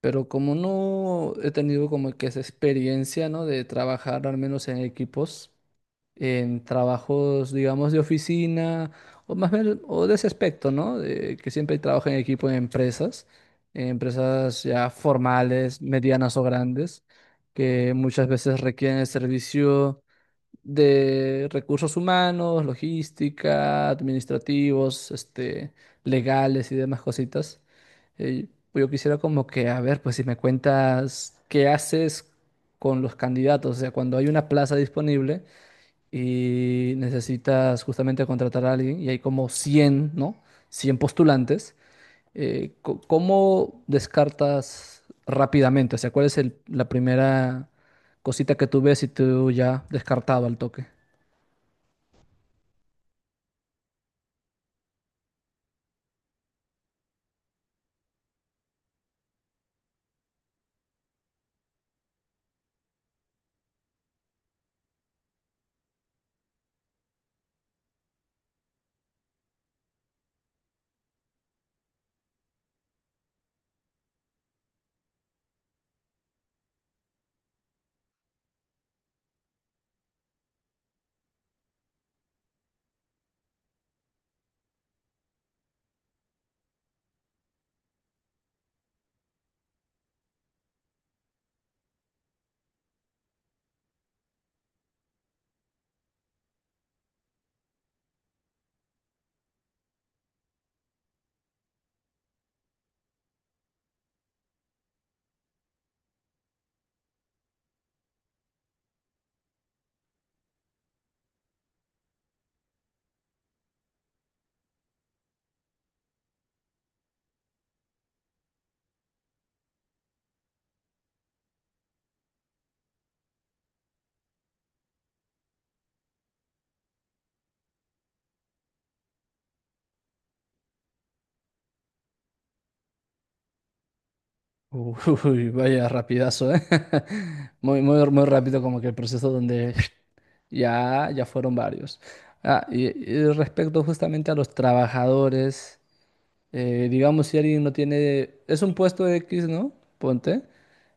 Pero como no he tenido como que esa experiencia, ¿no? De trabajar al menos en equipos, en trabajos, digamos, de oficina, o más bien, o de ese aspecto, ¿no? De que siempre trabajo en equipo en empresas ya formales, medianas o grandes, que muchas veces requieren el servicio de recursos humanos, logística, administrativos, legales y demás cositas. Eh, yo quisiera como que, a ver, pues si me cuentas qué haces con los candidatos, o sea, cuando hay una plaza disponible y necesitas justamente contratar a alguien y hay como 100, ¿no? Cien postulantes, ¿ cómo descartas rápidamente? O sea, ¿cuál es la primera cosita que tú ves y tú ya descartado al toque? Uy, vaya rapidazo, ¿eh? Muy, muy, muy rápido como que el proceso donde ya, ya fueron varios. Ah, y, y respecto justamente a los trabajadores, digamos si alguien no tiene, es un puesto X, ¿no? Ponte,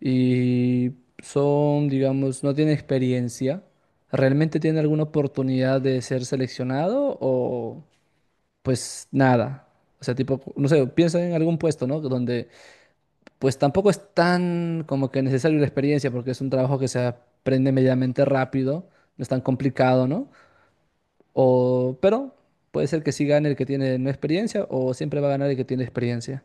y son, digamos, no tiene experiencia, ¿realmente tiene alguna oportunidad de ser seleccionado o pues nada? O sea, tipo, no sé, piensa en algún puesto, ¿no? Donde pues tampoco es tan como que necesario la experiencia porque es un trabajo que se aprende medianamente rápido, no es tan complicado, ¿no? O, pero puede ser que sí gane el que tiene no experiencia o siempre va a ganar el que tiene experiencia.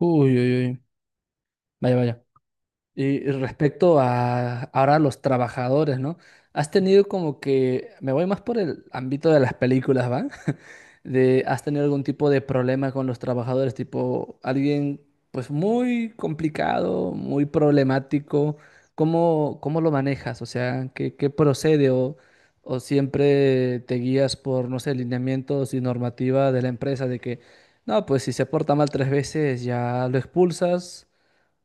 Uy, uy, uy. Vaya, vaya. Y respecto a ahora los trabajadores, ¿no? Has tenido como que, me voy más por el ámbito de las películas, ¿va? De, ¿has tenido algún tipo de problema con los trabajadores? Tipo, alguien pues muy complicado, muy problemático. ¿Cómo, cómo lo manejas? O sea, ¿qué, qué procede? O, ¿o siempre te guías por, no sé, lineamientos y normativa de la empresa de que, no, pues si se porta mal tres veces ya lo expulsas?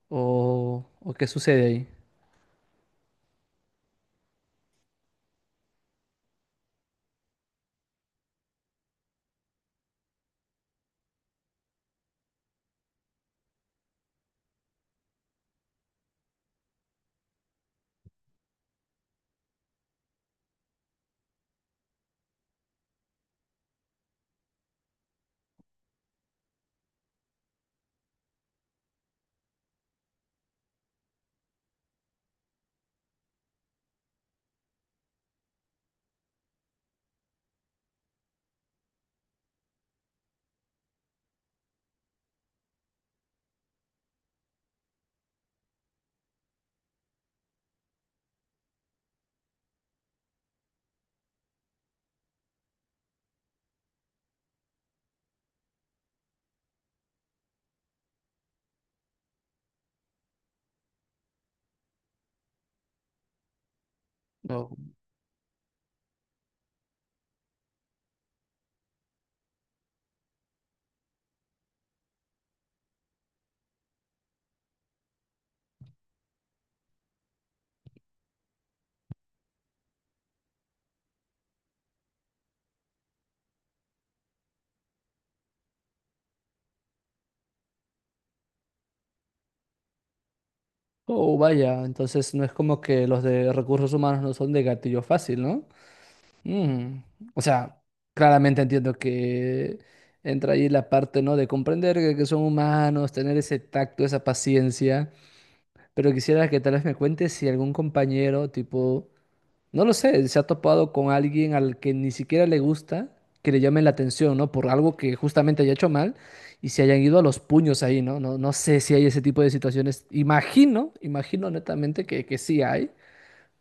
O qué sucede ahí? No, oh, vaya, entonces no es como que los de recursos humanos no son de gatillo fácil, ¿no? Mm. O sea, claramente entiendo que entra ahí la parte, ¿no? De comprender que son humanos, tener ese tacto, esa paciencia, pero quisiera que tal vez me cuentes si algún compañero, tipo... No lo sé, se ha topado con alguien al que ni siquiera le gusta que le llamen la atención, ¿no? Por algo que justamente haya hecho mal y se hayan ido a los puños ahí, ¿no? No, no sé si hay ese tipo de situaciones. Imagino, imagino netamente que sí hay,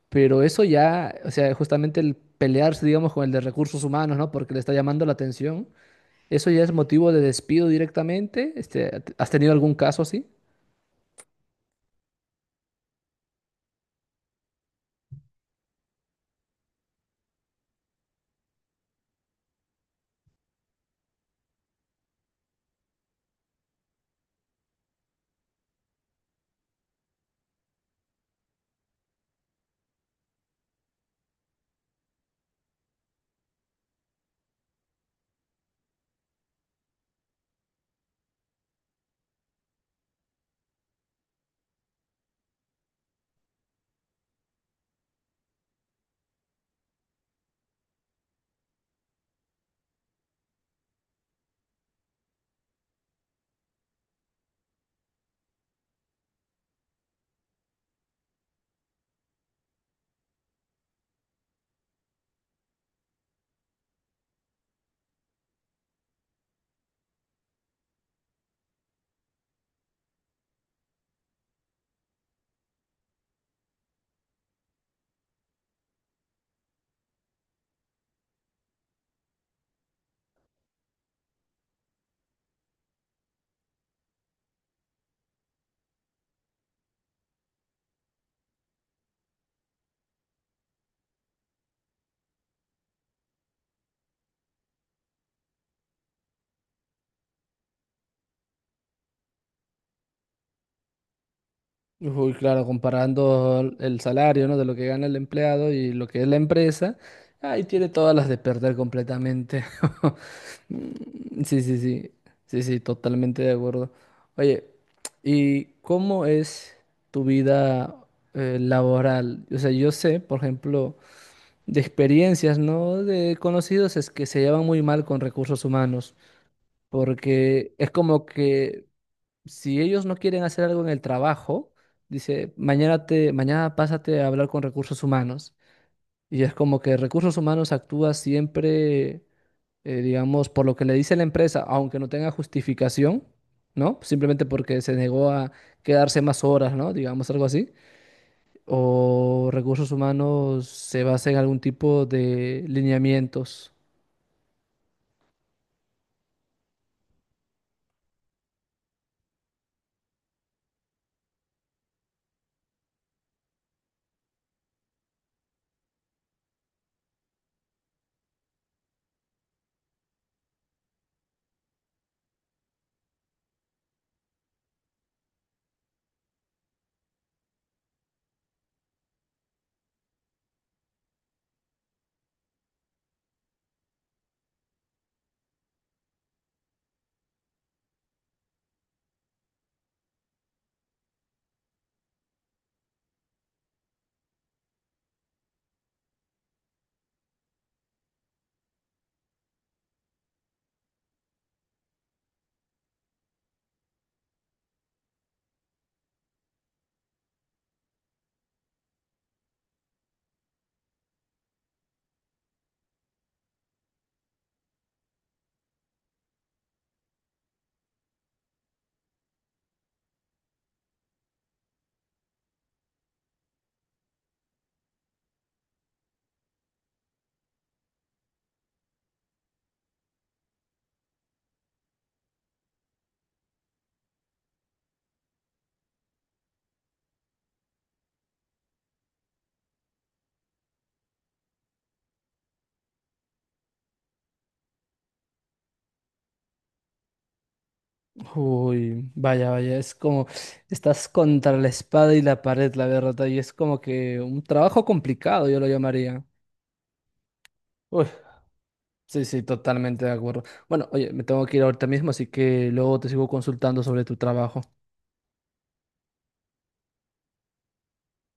pero eso ya, o sea, justamente el pelearse, digamos, con el de recursos humanos, ¿no? Porque le está llamando la atención, eso ya es motivo de despido directamente. ¿ has tenido algún caso así? Uy, claro, comparando el salario, ¿no? de lo que gana el empleado y lo que es la empresa, ahí tiene todas las de perder completamente. Mm. Sí, sí, sí, sí, sí, totalmente de acuerdo. Oye, ¿y cómo es tu vida laboral? O sea, yo sé, por ejemplo, de experiencias, ¿no? De conocidos es que se llevan muy mal con recursos humanos, porque es como que si ellos no quieren hacer algo en el trabajo, dice, mañana te, mañana pásate a hablar con recursos humanos. Y es como que recursos humanos actúa siempre, digamos, por lo que le dice la empresa, aunque no tenga justificación, ¿no? Simplemente porque se negó a quedarse más horas, ¿no? Digamos algo así. O recursos humanos se basa en algún tipo de lineamientos. Uy, vaya, vaya, es como estás contra la espada y la pared, la verdad, y es como que un trabajo complicado, yo lo llamaría. Uy, sí, sí, totalmente de acuerdo. Bueno, oye, me tengo que ir ahorita mismo, así que luego te sigo consultando sobre tu trabajo.